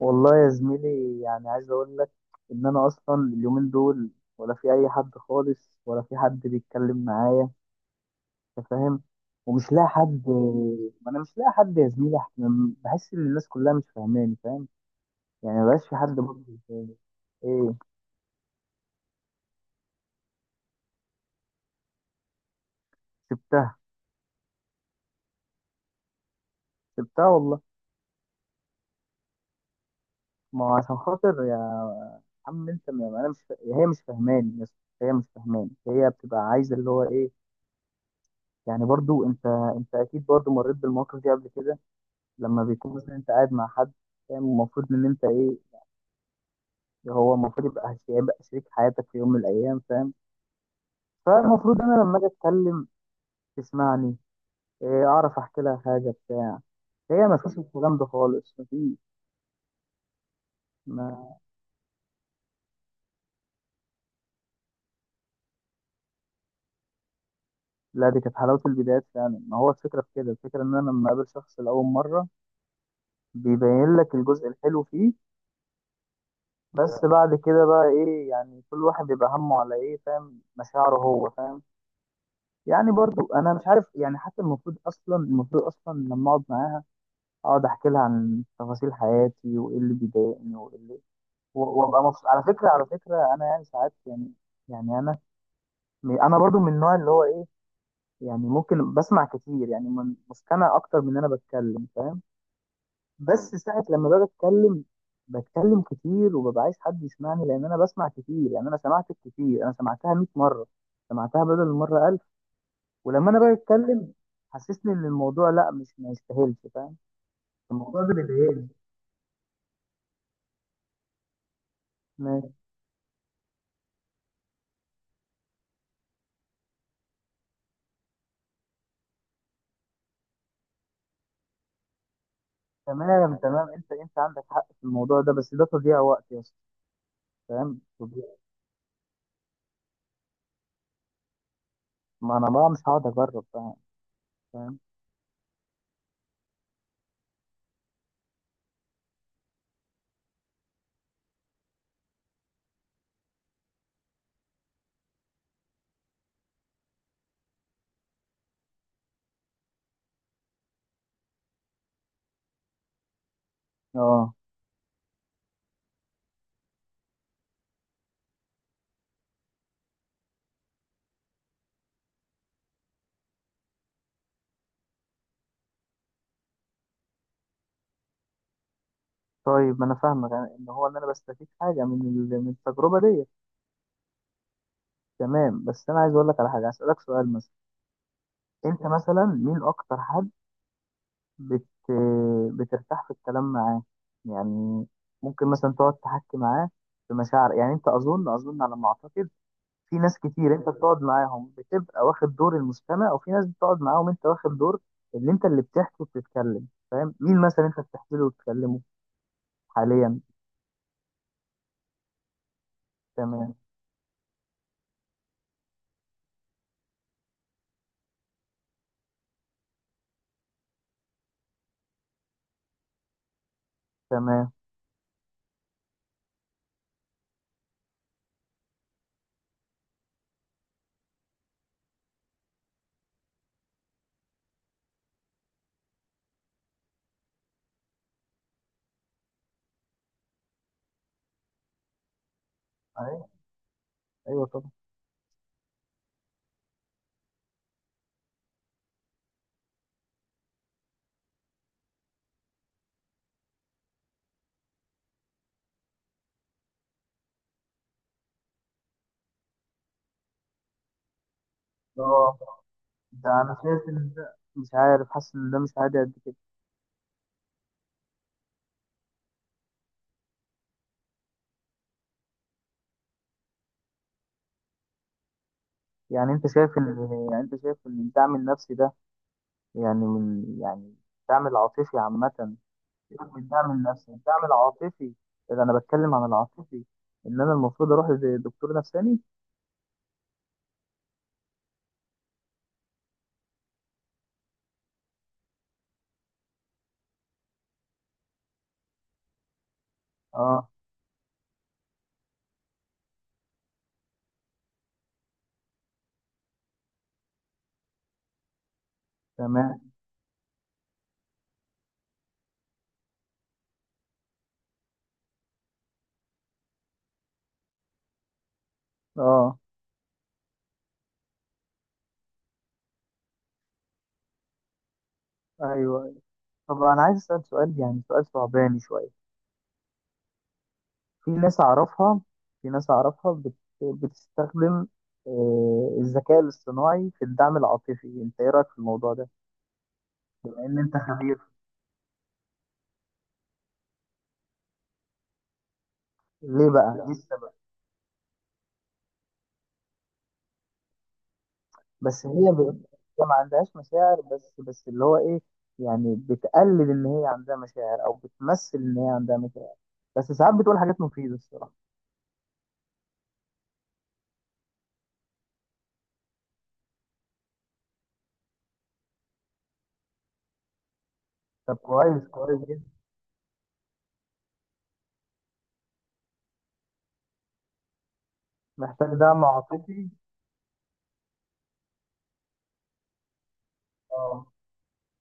والله يا زميلي، يعني عايز اقول لك ان انا اصلا اليومين دول ولا في اي حد خالص، ولا في حد بيتكلم معايا، انت فاهم. ومش لاقي حد، ما انا مش لاقي حد يا زميلي. بحس ان الناس كلها مش فاهماني، فاهم؟ يعني مبقاش في حد برضه بيفهمني. ايه؟ سبتها. سبتها والله. ما هو عشان خاطر يا عم انت، ما انا مش فا... هي مش فاهماني يا اسطى. هي مش فاهماني، هي بتبقى عايزه اللي هو ايه، يعني. برضو انت، انت اكيد برضو مريت بالمواقف دي قبل كده. لما بيكون مثلا انت قاعد مع حد، فاهم؟ المفروض ان انت ايه، هو المفروض يبقى، هيبقى شريك حياتك في يوم من الايام، فاهم؟ فالمفروض انا لما اجي اتكلم تسمعني، إيه، اعرف احكي لها حاجه بتاع. هي ما فيش الكلام ده خالص، ما فيش. ما لا، دي كانت حلاوه البدايات فعلا. ما هو الفكره في كده، الفكره ان انا لما اقابل شخص لاول مره بيبين لك الجزء الحلو فيه. بس بعد كده بقى ايه، يعني كل واحد بيبقى همه على ايه، فاهم؟ مشاعره هو، فاهم؟ يعني برضو انا مش عارف، يعني حتى المفروض اصلا، المفروض اصلا لما اقعد معاها اقعد احكي لها عن تفاصيل حياتي وايه اللي بيضايقني وايه اللي وابقى مبسوط. على فكره، على فكره انا يعني ساعات، يعني، يعني انا برضو من النوع اللي هو ايه، يعني ممكن بسمع كتير، يعني مستمع اكتر من إن انا بتكلم، فاهم؟ بس ساعه لما باجي اتكلم، بتكلم كتير وببقى عايز حد يسمعني، لان انا بسمع كتير. يعني انا سمعتك كتير، انا سمعتها 100 مره، سمعتها بدل المره. ولما انا باجي اتكلم حسسني ان الموضوع لا، مش، ما يستاهلش، فاهم؟ الموضوع ده بيضايقني. ماشي. تمام، تمام، انت انت عندك حق في الموضوع ده، بس ده تضييع وقت يا اسطى. فاهم؟ تضييع. ما انا بقى مش هقعد اجرب، فاهم؟ فاهم؟ اه. طيب، ما انا فاهمك، يعني ان هو ان انا بستفيد حاجه من من التجربه ديت. تمام. بس انا عايز اقول لك على حاجه، اسالك سؤال مثلا، انت مثلا مين اكتر حد بت... بترتاح في الكلام معاه، يعني؟ ممكن مثلا تقعد تحكي معاه في مشاعر، يعني. انت اظن على ما اعتقد في ناس كتير انت بتقعد معاهم بتبقى واخد دور المستمع، وفي ناس بتقعد معاهم انت واخد دور اللي انت اللي بتحكي وبتتكلم، فاهم؟ مين مثلا انت بتحكي له وتتكلمه؟ حاليا. تمام. تمام. ايوه، ايوه، طبعا. اه، ده انا شايف ان ده، مش عارف، حاسس ان ده مش عادي قد كده. يعني انت شايف ان الدعم النفسي ده، يعني، من، يعني الدعم العاطفي عامة. سيبك من الدعم النفسي، الدعم العاطفي، إذا أنا بتكلم عن العاطفي، إن أنا المفروض أروح لدكتور نفساني. أه. تمام. أه. أيوه. طب أنا عايز أسأل سؤال، يعني سؤال صعباني شوية. في ناس أعرفها، في ناس أعرفها بتستخدم الذكاء الاصطناعي في الدعم العاطفي. أنت إيه رأيك في الموضوع ده؟ بما إن أنت خبير. ليه بقى؟ بس هي هي ما عندهاش مشاعر، بس اللي هو ايه، يعني بتقلد ان هي عندها مشاعر او بتمثل ان هي عندها مشاعر. بس ساعات بتقول حاجات مفيدة الصراحة. طب كويس، كويس جدا. محتاج دعم عاطفي. اه.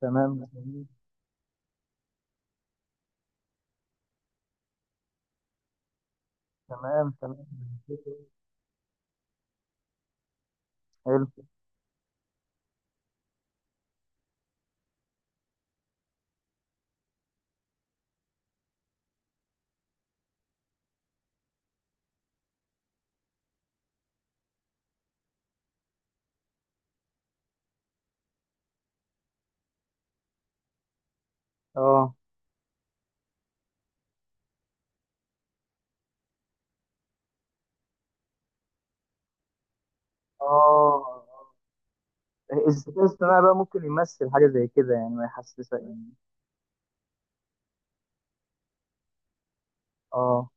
تمام، تمام، تمام. حلو. اه. اه. الذكاء الاصطناعي بقى ممكن يمثل حاجة زي كده، يعني ما يحسسك، يعني. اه.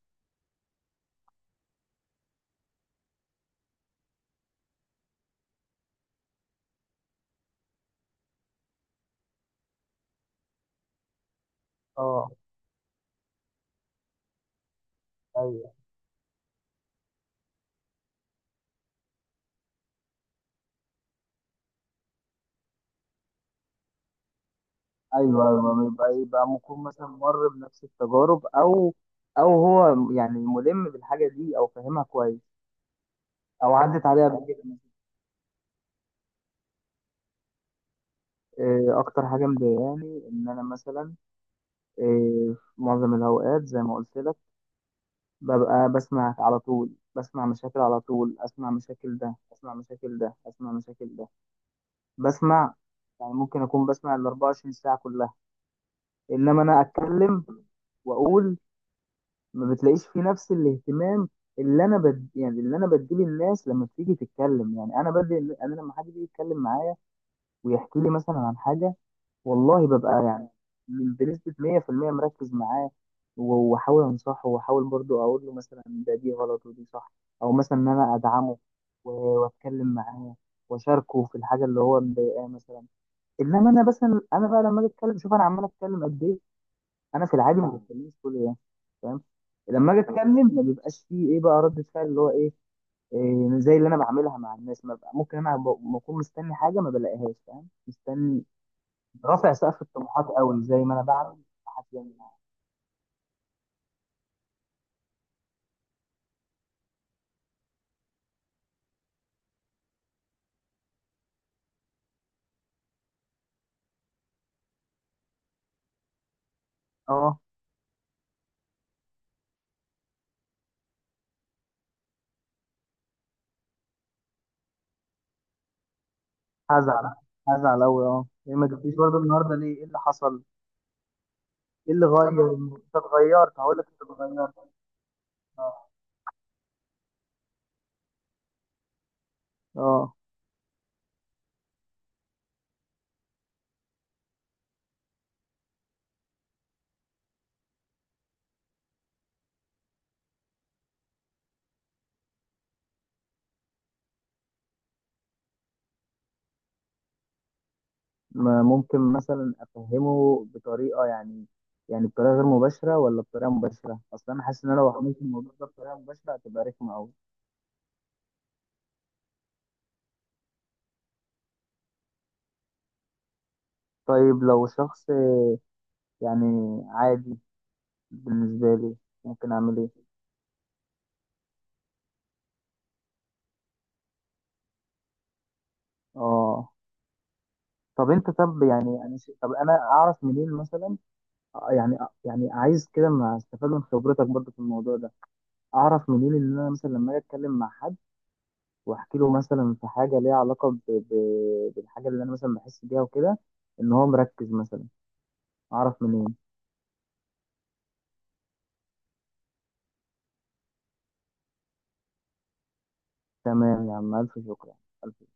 اه. ايوه. ايوه. ايوه، ما يبقى، يبقى ممكن مثلا مر بنفس التجارب، او هو يعني ملم بالحاجه دي او فاهمها كويس، او عدت عليها قبل كده. آه، اكتر حاجه مضايقاني ان انا مثلا، آه، في معظم الاوقات زي ما قلت لك ببقى بسمع على طول، بسمع مشاكل على طول، اسمع مشاكل ده، اسمع مشاكل ده، اسمع مشاكل ده، بسمع. يعني ممكن اكون بسمع ال 24 ساعه كلها، انما انا اتكلم واقول ما بتلاقيش فيه نفس الاهتمام اللي يعني اللي انا بديه للناس لما بتيجي تتكلم. يعني انا بدي، انا لما حد بيجي يتكلم معايا ويحكي لي مثلا عن حاجه والله ببقى يعني بنسبه 100% مركز معاه، واحاول انصحه، واحاول برضو اقول له مثلا ده، دي غلط ودي صح، او مثلا ان انا ادعمه و- واتكلم معاه واشاركه في الحاجه اللي هو مضايقاه مثلا. انما انا مثلا، انا بقى لما اجي اتكلم، شوف انا عمال اتكلم قد ايه. انا في العادي ما بتكلمش كل ده، فاهم؟ لما اجي اتكلم ما بيبقاش فيه ايه بقى، رد فعل اللي هو ايه، إيه، زي اللي انا بعملها مع الناس، ما بقى ممكن انا بكون مستني حاجه ما بلاقيهاش، فاهم؟ مستني، رافع سقف الطموحات قوي زي ما انا بعمل حد، يعني. اه. هزعل، هزعل قوي. اه، ليه ما جبتيش برضه النهارده، ليه، ايه اللي حصل؟ ايه اللي غير؟ انت اتغيرت، هقول لك انت اتغيرت. اه. آه. ما ممكن مثلا افهمه بطريقه، يعني، يعني بطريقه غير مباشره ولا بطريقه مباشره؟ اصلا انا حاسس ان انا لو عملت الموضوع ده بطريقه مباشره هتبقى رخمه قوي. طيب لو شخص، يعني، عادي بالنسبه لي، ممكن اعمل ايه؟ اه. طب انت، طب يعني انا طب انا اعرف منين مثلا يعني، يعني عايز كده ما استفاد من خبرتك برضه في الموضوع ده. اعرف منين ان انا مثلا لما اجي اتكلم مع حد واحكي له مثلا في حاجه ليها علاقه بالحاجه اللي انا مثلا بحس بيها وكده، ان هو مركز مثلا. اعرف منين؟ تمام يا عم، الف شكر يا عم. الف.